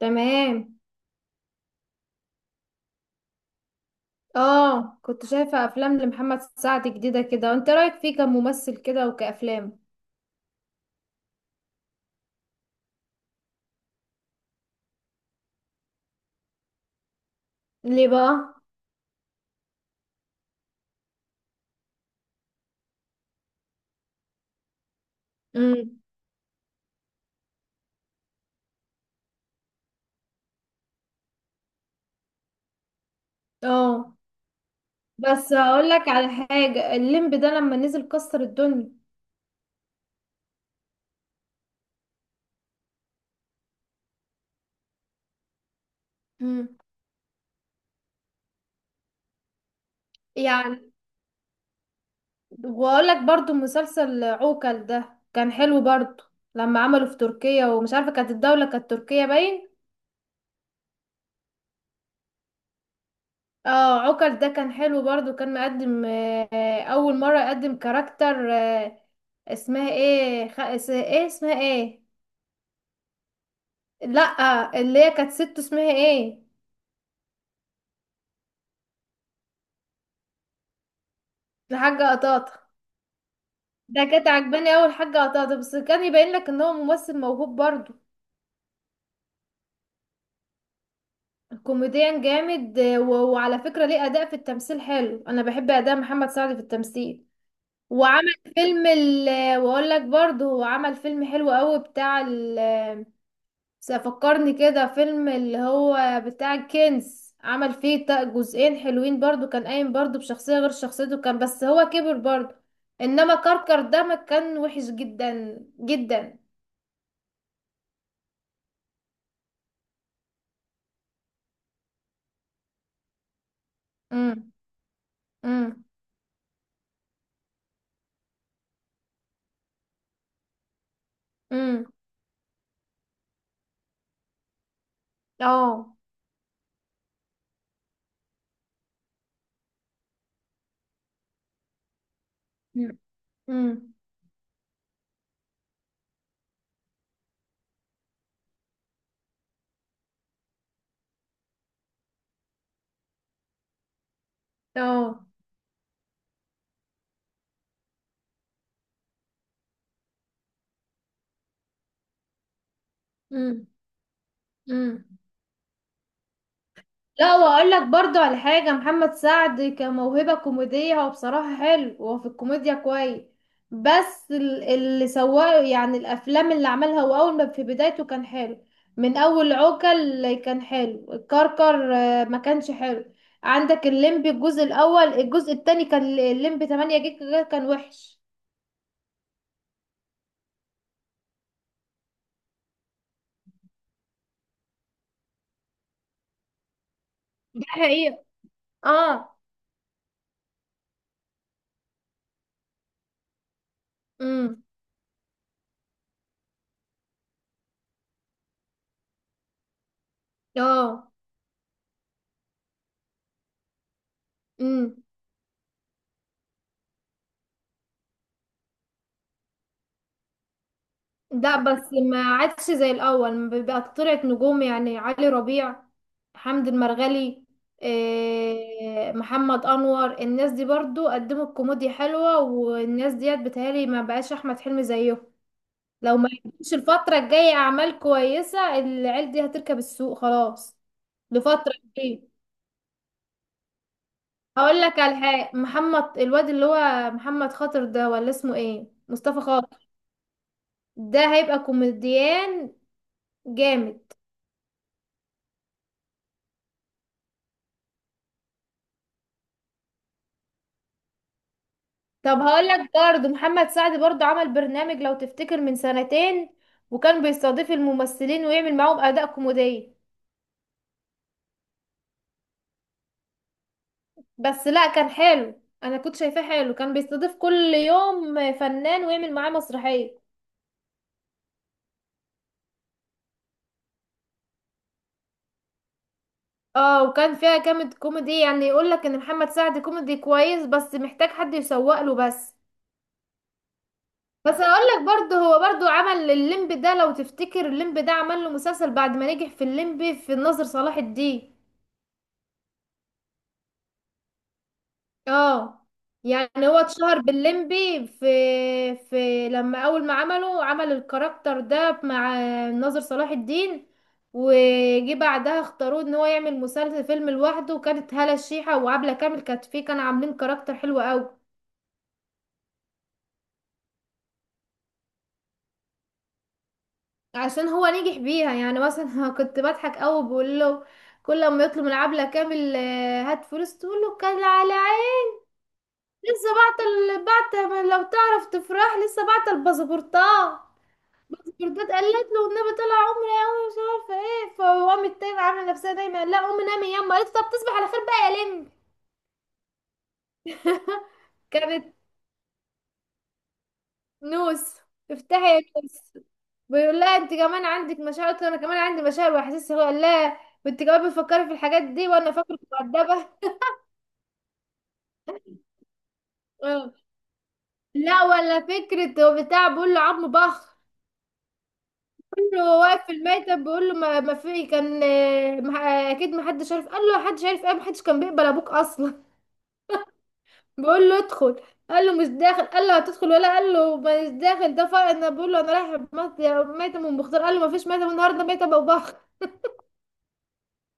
تمام. اه كنت شايفة افلام لمحمد سعد جديدة كده، وانت رأيك فيه كممثل كده وكأفلام؟ ليه بقى؟ امم اه بس هقول لك على حاجة، الليمب ده لما نزل كسر الدنيا. امم يعني واقول لك برضو مسلسل عوكل ده كان حلو برضو، لما عمله في تركيا، ومش عارفة كانت الدولة كانت تركيا باين. اه عكر ده كان حلو برضو، كان مقدم اول مرة يقدم كاركتر. اسمها ايه اسمها ايه؟ لا اللي هي كانت ست، اسمها ايه؟ الحاجة قطاطة. ده كانت عجباني اول حاجة قطاطة، بس كان يبين لك ان هو ممثل موهوب برضو. كوميديان جامد. وعلى فكرة ليه اداء في التمثيل حلو، انا بحب اداء محمد سعد في التمثيل. وعمل فيلم واقول لك برضو هو عمل فيلم حلو قوي بتاع بس فكرني كده فيلم اللي هو بتاع الكنز، عمل فيه جزئين حلوين برضو، كان قايم برضو بشخصية غير شخصيته، كان بس هو كبر برضو. انما كركر ده ما كان وحش جدا جدا. امم امم امم اه امم امم، اه امم امم. لا واقول لك برضو على حاجة، محمد سعد كموهبة كوميدية هو بصراحة حلو، هو في الكوميديا كويس. بس اللي سواه يعني الافلام اللي عملها، هو اول ما في بدايته كان حلو. من اول عوكل كان حلو، الكركر ما كانش حلو. عندك الليمبي الجزء الاول، الجزء التاني كان الليمبي 8 جيجا كان وحش. ده حقيقة. اه امم اه امم ده بس ما عادش زي الاول بقى، طلعت نجوم يعني علي ربيع، حمد المرغلي، إيه محمد انور، الناس دي برضو قدموا الكوميديا حلوة، والناس ديت بتهيألي ما بقاش احمد حلمي زيهم. لو ما قدمش الفترة الجاية اعمال كويسة، العيال دي هتركب السوق خلاص لفترة كبيرة. هقول لك على حاجة، محمد الواد اللي هو محمد خاطر ده، ولا اسمه ايه؟ مصطفى خاطر. ده هيبقى كوميديان جامد. طب هقول لك برضه محمد سعد برضه عمل برنامج لو تفتكر من سنتين، وكان بيستضيف الممثلين ويعمل معاهم اداء كوميدي. بس لا كان حلو، انا كنت شايفاه حلو، كان بيستضيف كل يوم فنان ويعمل معاه مسرحية. اه وكان فيها كامد كوميدي، يعني يقول لك ان محمد سعد كوميدي كويس، بس محتاج حد يسوق له بس. بس هقول لك برضه هو برضه عمل الليمب ده، لو تفتكر الليمب ده عمل له مسلسل بعد ما نجح في الليمب في الناظر صلاح الدين. اه يعني هو اتشهر باللمبي في لما اول ما عمله عمل الكاركتر ده مع ناظر صلاح الدين، وجي بعدها اختاروه ان هو يعمل مسلسل فيلم لوحده، وكانت هالة الشيحة وعبلة كامل كانت فيه، كانوا عاملين كاركتر حلو قوي. عشان هو نجح بيها، يعني مثلا كنت بضحك قوي بقول له كل ما يطلب من عبلة كامل هات فلوس تقول له كان على عين. لسه بعت بعت، لو تعرف تفرح لسه بعت الباسبورتات فردات. قالت له النبي طلع عمري قوي مش عارفه ايه، فهو قامت تاني عامله نفسها نايمه، قال لها قومي نامي يما، قالت له طب تصبح على خير بقى يا لم. كانت نوس. افتحي يا نوس. بيقول لها انت كمان عندك مشاعر، قالت له انا كمان عندي مشاعر واحاسيس، هو قال لها وانت كمان بتفكري في الحاجات دي وانا فاكرك مؤدبه. اه. لا ولا فكره، هو بتاع بيقول له عظم بخ. بيقول له هو واقف في الميتم بيقول له ما في كان اكيد ما حدش عارف، قال له حدش عارف ايه، ما حدش كان بيقبل ابوك اصلا. بقول له ادخل، قال له مش داخل، قال له هتدخل ولا؟ قال له مش داخل، ده فرق. انا بقول له انا رايح ميتة من بختار، قال له ما فيش ميتة النهارده، ميتة باباخ،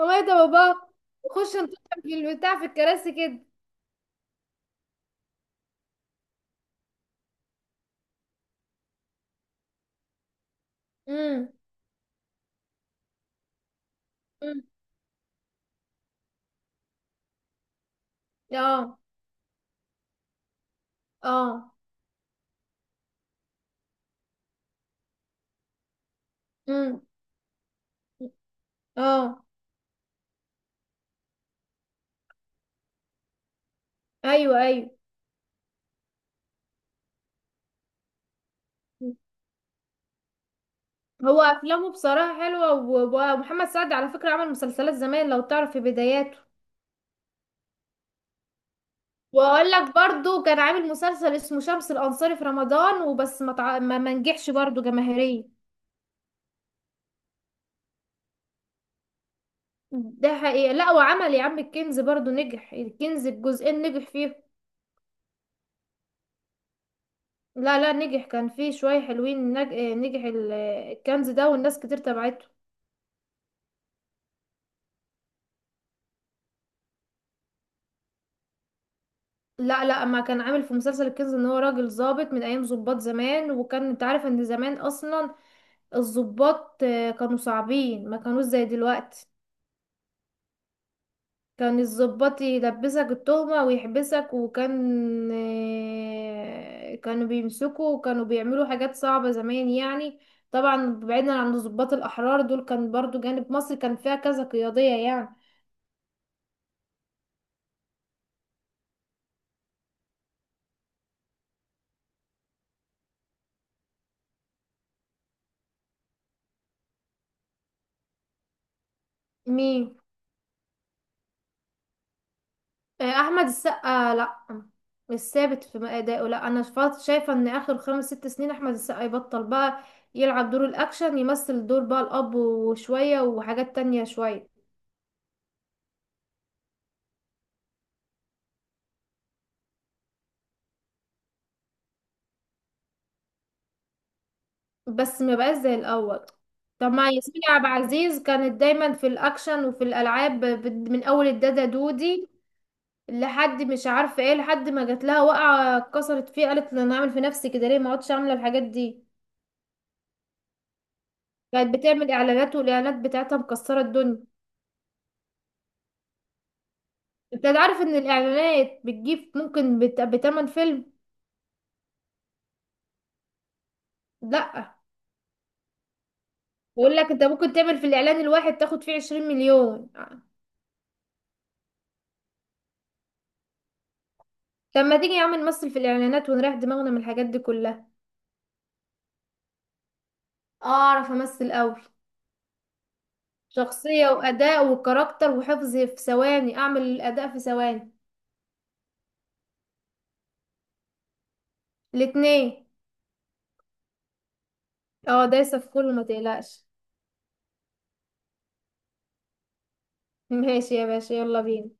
ميتة باباخ. وخش انت في البتاع في الكراسي كده. امم امم اه اه امم اه ايوه ايوه. هو افلامه بصراحه حلوه ومحمد سعد على فكره عمل مسلسلات زمان لو تعرف في بداياته. واقول لك برضو كان عامل مسلسل اسمه شمس الانصاري في رمضان وبس، ما تع... ما ما نجحش برضو جماهيريا. ده حقيقة. لا وعمل يا عم الكنز برضو، نجح الكنز بجزئين نجح فيه. لا لا نجح، كان فيه شوية حلوين نج... آه، نجح الكنز ده، والناس كتير تبعته. لا لا ما كان عامل في مسلسل الكنز ان هو راجل ضابط من ايام ضباط زمان، وكان انت عارف ان زمان اصلا الضباط كانوا صعبين ما كانوش زي دلوقتي، كان الضباط يلبسك التهمة ويحبسك، وكان كانوا بيمسكوا وكانوا بيعملوا حاجات صعبة زمان يعني. طبعا بعيدا عن الضباط الأحرار دول، كان برضو جانب مصر كان فيها كذا قيادية يعني. مين؟ أحمد السقا لأ، مش ثابت في أدائه لأ، أنا شايفة إن آخر خمس ست سنين أحمد السقا يبطل بقى يلعب دور الأكشن، يمثل دور بقى الأب وشوية وحاجات تانية شوية. بس ما بقاش زي الاول. طب ما ياسمين عبد العزيز كانت دايما في الاكشن وفي الالعاب، من اول الدادا دودي لحد مش عارفه ايه، لحد ما جات لها وقعه اتكسرت فيه، قالت انا اعمل في نفسي كده ليه، ما عدتش عامله الحاجات دي. كانت بتعمل اعلانات، والاعلانات بتاعتها مكسره الدنيا. انت عارف ان الاعلانات بتجيب ممكن بتمن فيلم. لا بقول لك انت ممكن تعمل في الاعلان الواحد تاخد فيه 20 مليون. طب ما تيجي يا عم نمثل في الاعلانات ونريح دماغنا من الحاجات دي كلها. اعرف امثل قوي، شخصية وأداء وكاركتر وحفظ في ثواني، أعمل الأداء في ثواني. الاتنين. اه دايسة في كله ما تقلقش. ماشي يا باشا، يلا بينا.